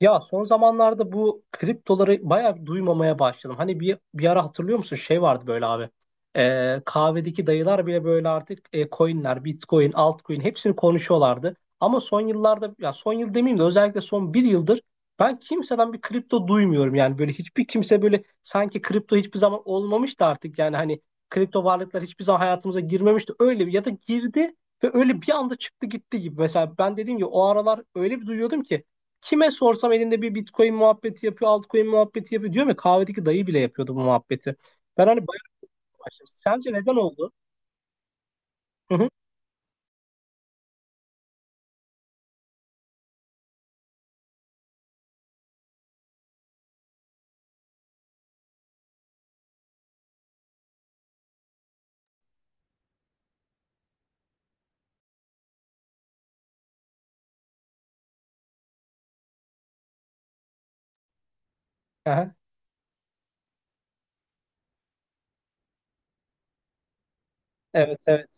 Ya son zamanlarda bu kriptoları bayağı bir duymamaya başladım. Hani bir ara hatırlıyor musun? Şey vardı böyle abi. Kahvedeki dayılar bile böyle artık coinler, Bitcoin, altcoin hepsini konuşuyorlardı. Ama son yıllarda ya son yıl demeyeyim de özellikle son bir yıldır ben kimseden bir kripto duymuyorum. Yani böyle hiçbir kimse böyle sanki kripto hiçbir zaman olmamıştı artık yani hani kripto varlıklar hiçbir zaman hayatımıza girmemişti. Öyle bir ya da girdi ve öyle bir anda çıktı gitti gibi. Mesela ben dediğim gibi o aralar öyle bir duyuyordum ki kime sorsam elinde bir Bitcoin muhabbeti yapıyor, altcoin muhabbeti yapıyor. Diyorum ya kahvedeki dayı bile yapıyordu bu muhabbeti. Ben hani bayılıp başladım. Sence neden oldu? Hı hı. Aha, evet evet.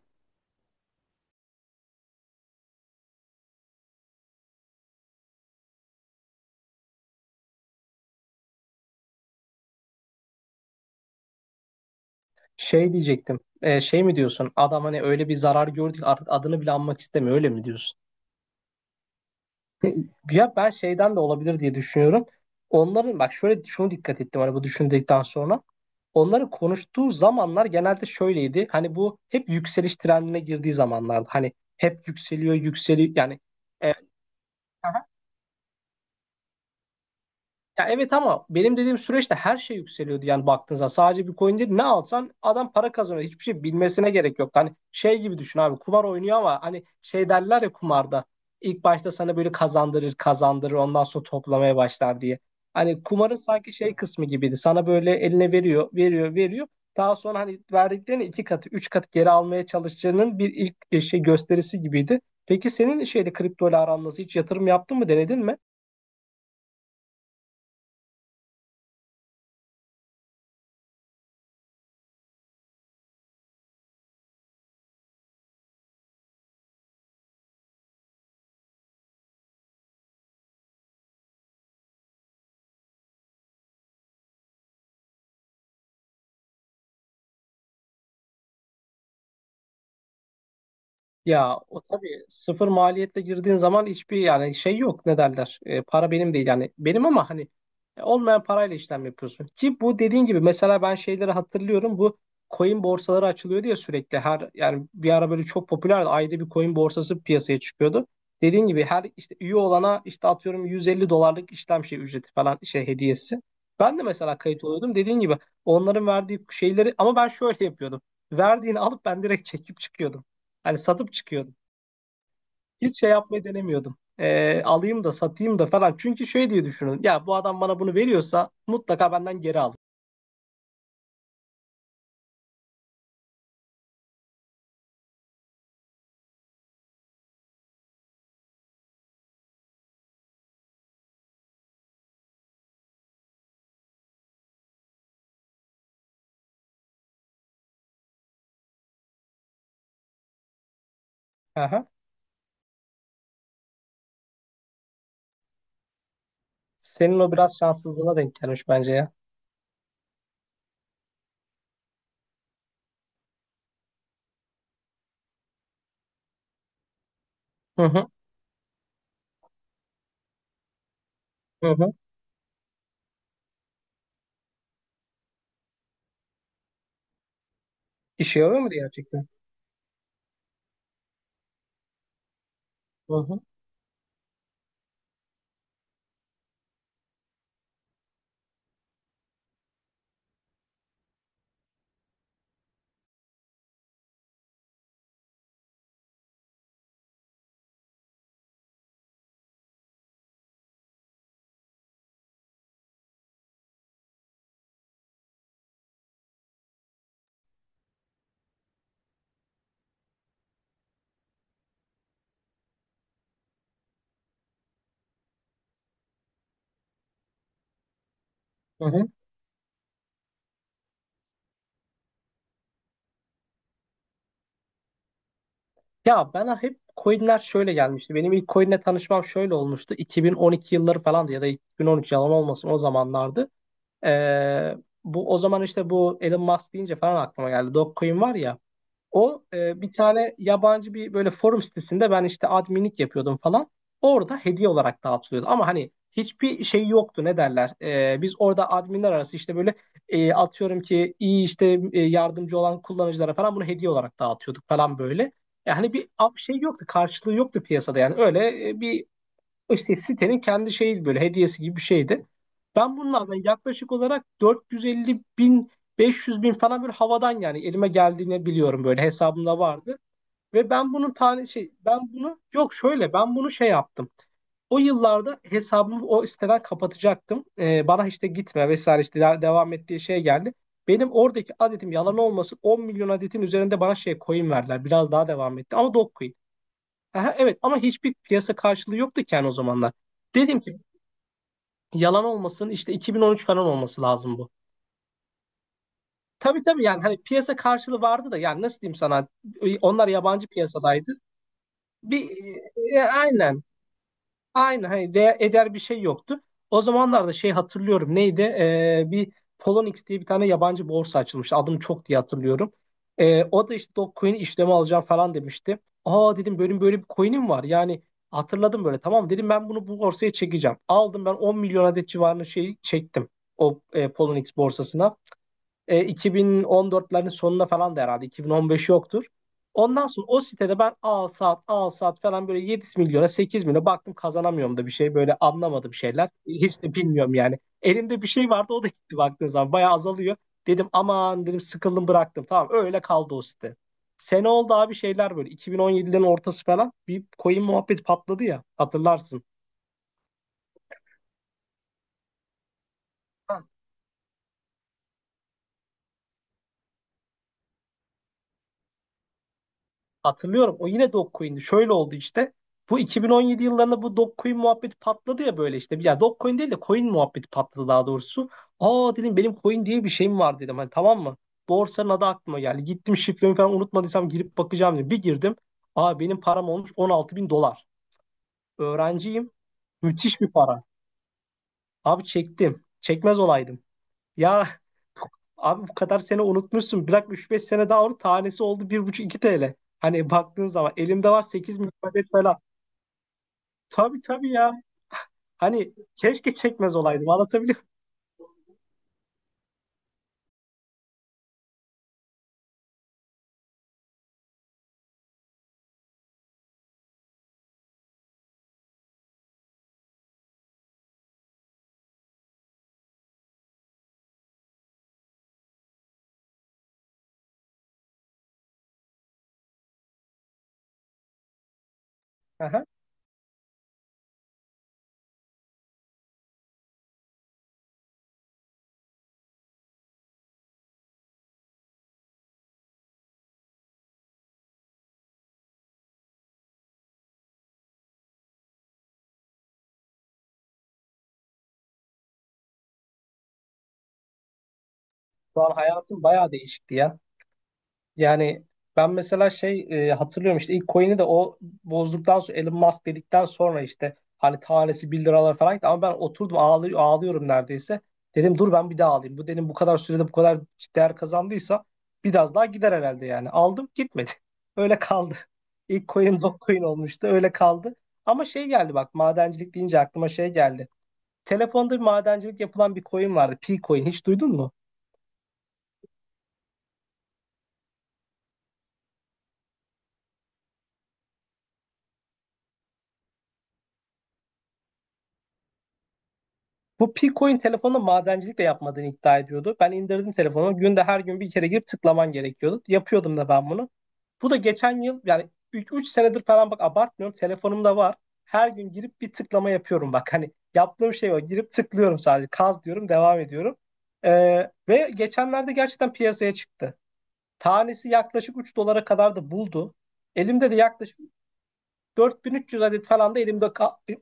Şey diyecektim. Şey mi diyorsun? Adam hani öyle bir zarar gördük artık adını bile anmak istemiyor. Öyle mi diyorsun? Ya ben şeyden de olabilir diye düşünüyorum. Onların bak şöyle şunu dikkat ettim hani bu düşündükten sonra. Onların konuştuğu zamanlar genelde şöyleydi. Hani bu hep yükseliş trendine girdiği zamanlardı. Hani hep yükseliyor, yükseliyor. Yani e, ya evet ama benim dediğim süreçte her şey yükseliyordu yani baktığınızda sadece bir coin değil ne alsan adam para kazanıyor hiçbir şey bilmesine gerek yok. Hani şey gibi düşün abi kumar oynuyor ama hani şey derler ya kumarda ilk başta sana böyle kazandırır kazandırır ondan sonra toplamaya başlar diye. Hani kumarın sanki şey kısmı gibiydi sana böyle eline veriyor veriyor veriyor daha sonra hani verdiklerini iki katı üç katı geri almaya çalışacağının bir ilk şey gösterisi gibiydi. Peki senin şeyle kripto ile aran nasıl hiç yatırım yaptın mı denedin mi? Ya o tabii sıfır maliyetle girdiğin zaman hiçbir yani şey yok ne derler E, para benim değil yani benim ama hani olmayan parayla işlem yapıyorsun ki bu dediğin gibi mesela ben şeyleri hatırlıyorum bu coin borsaları açılıyor diye sürekli her yani bir ara böyle çok popülerdi ayda bir coin borsası piyasaya çıkıyordu dediğin gibi her işte üye olana işte atıyorum 150 dolarlık işlem şey ücreti falan şey hediyesi ben de mesela kayıt oluyordum dediğin gibi onların verdiği şeyleri ama ben şöyle yapıyordum verdiğini alıp ben direkt çekip çıkıyordum. Hani satıp çıkıyordum. Hiç şey yapmayı denemiyordum. Alayım da satayım da falan. Çünkü şey diye düşünün. Ya bu adam bana bunu veriyorsa mutlaka benden geri alır. Aha. Senin o biraz şanssızlığına denk gelmiş bence ya. Hı hı hı hı. İşe yarıyor mu gerçekten? Hı hı hı hı. Ya bana hep coinler şöyle gelmişti. Benim ilk coinle tanışmam şöyle olmuştu. 2012 yılları falandı ya da 2013 yalan olmasın o zamanlardı. Ee, bu o zaman işte bu Elon Musk deyince falan aklıma geldi. Dogecoin var ya. O bir tane yabancı bir böyle forum sitesinde ben işte adminlik yapıyordum falan. Orada hediye olarak dağıtılıyordu. Ama hani hiçbir şey yoktu ne derler. E, biz orada adminler arası işte böyle atıyorum ki iyi işte yardımcı olan kullanıcılara falan bunu hediye olarak dağıtıyorduk falan böyle. Yani şey yoktu karşılığı yoktu piyasada yani öyle bir işte sitenin kendi şeyi böyle hediyesi gibi bir şeydi. Ben bunlardan yaklaşık olarak 450 bin 500 bin falan böyle havadan yani elime geldiğini biliyorum böyle hesabımda vardı. Ve ben bunun tane şey ben bunu yok şöyle ben bunu şey yaptım. O yıllarda hesabımı o siteden kapatacaktım. Bana işte gitme vesaire işte devam ettiği şey geldi. Benim oradaki adetim yalan olmasın 10 milyon adetin üzerinde bana şey coin verdiler. Biraz daha devam etti ama dog coin. Aha, evet ama hiçbir piyasa karşılığı yoktu ki yani o zamanlar. Dedim ki yalan olmasın işte 2013 falan olması lazım bu. Tabii tabii yani hani piyasa karşılığı vardı da yani nasıl diyeyim sana onlar yabancı piyasadaydı. Aynen aynı hani değer, eder bir şey yoktu. O zamanlarda şey hatırlıyorum neydi? Bir Poloniex diye bir tane yabancı borsa açılmıştı. Adım çok diye hatırlıyorum. O da işte Dogecoin işlemi alacağım falan demişti. Aa dedim benim böyle bir coin'im var. Yani hatırladım böyle tamam dedim ben bunu bu borsaya çekeceğim. Aldım ben 10 milyon adet civarında şey çektim o Poloniex borsasına. E, 2014'lerin sonuna falan da herhalde 2015 yoktur. Ondan sonra o sitede ben al saat falan böyle 7 milyona 8 milyona baktım kazanamıyorum da bir şey böyle anlamadım şeyler. Hiç de bilmiyorum yani. Elimde bir şey vardı o da gitti baktığın zaman bayağı azalıyor. Dedim aman dedim sıkıldım bıraktım tamam öyle kaldı o site. Sene oldu abi şeyler böyle 2017'lerin ortası falan bir coin muhabbet patladı ya hatırlarsın. Hatırlıyorum. O yine Dogecoin'di. Şöyle oldu işte. Bu 2017 yıllarında bu Dogecoin muhabbeti patladı ya böyle işte. Ya Dogecoin değil de coin muhabbeti patladı daha doğrusu. Aa dedim benim coin diye bir şeyim var dedim. Hani tamam mı? Borsanın adı aklıma geldi. Gittim şifremi falan unutmadıysam girip bakacağım dedim. Bir girdim. Aa benim param olmuş 16 bin dolar. Öğrenciyim. Müthiş bir para. Abi çektim. Çekmez olaydım. Ya abi bu kadar sene unutmuşsun. Bırak üç beş sene daha onu tanesi oldu 1,5-2 TL. Hani baktığın zaman elimde var 8 milyon adet falan. Tabii tabii ya. Hani keşke çekmez olaydım anlatabiliyor muyum? Aha. Şu an hayatım bayağı değişikti ya. Yani ben mesela şey hatırlıyorum işte ilk coin'i de o bozduktan sonra Elon Musk dedikten sonra işte hani tanesi bir liralar falan gitti ama ben oturdum ağlıyorum neredeyse. Dedim dur ben bir daha alayım. Bu dedim, bu kadar sürede bu kadar değer kazandıysa biraz daha gider herhalde yani. Aldım gitmedi. Öyle kaldı. İlk coin'im Dogecoin olmuştu öyle kaldı. Ama şey geldi bak madencilik deyince aklıma şey geldi. Telefonda bir madencilik yapılan bir coin vardı. P-Coin hiç duydun mu? Bu Pico'nun telefonda madencilik de yapmadığını iddia ediyordu. Ben indirdim telefonu. Günde her gün bir kere girip tıklaman gerekiyordu. Yapıyordum da ben bunu. Bu da geçen yıl yani 3 senedir falan bak abartmıyorum. Telefonumda var. Her gün girip bir tıklama yapıyorum bak. Hani yaptığım şey o. Girip tıklıyorum sadece. Kaz diyorum devam ediyorum. Ve geçenlerde gerçekten piyasaya çıktı. Tanesi yaklaşık 3 dolara kadar da buldu. Elimde de yaklaşık 4.300 adet falan da elimde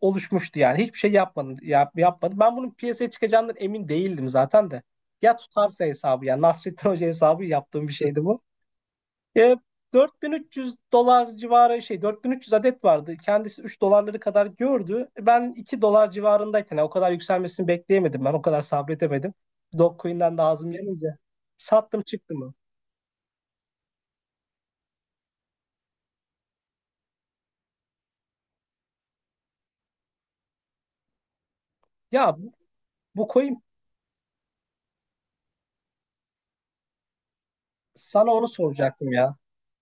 oluşmuştu yani. Hiçbir şey yapmadım. Ben bunun piyasaya çıkacağından emin değildim zaten de. Ya tutarsa hesabı yani Nasrettin Hoca hesabı yaptığım bir şeydi bu. E, 4.300 dolar civarı şey 4.300 adet vardı. Kendisi 3 dolarları kadar gördü. Ben 2 dolar civarındayken yani o kadar yükselmesini bekleyemedim ben. O kadar sabredemedim. Dogecoin'den de ağzım yanınca sattım çıktı mı? Ya bu coin sana onu soracaktım ya.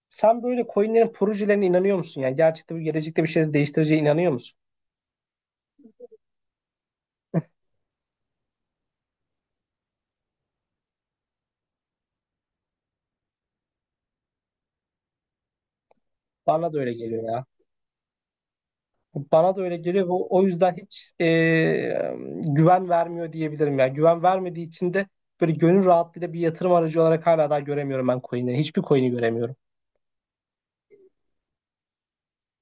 Sen böyle coinlerin projelerine inanıyor musun? Yani gerçekte bu gelecekte bir şeyleri değiştireceğine inanıyor musun? Bana da öyle geliyor ya. Bana da öyle geliyor ve o yüzden hiç güven vermiyor diyebilirim ya. Güven vermediği için de böyle gönül rahatlığıyla bir yatırım aracı olarak hala daha göremiyorum ben coinleri. Hiçbir coin'i göremiyorum.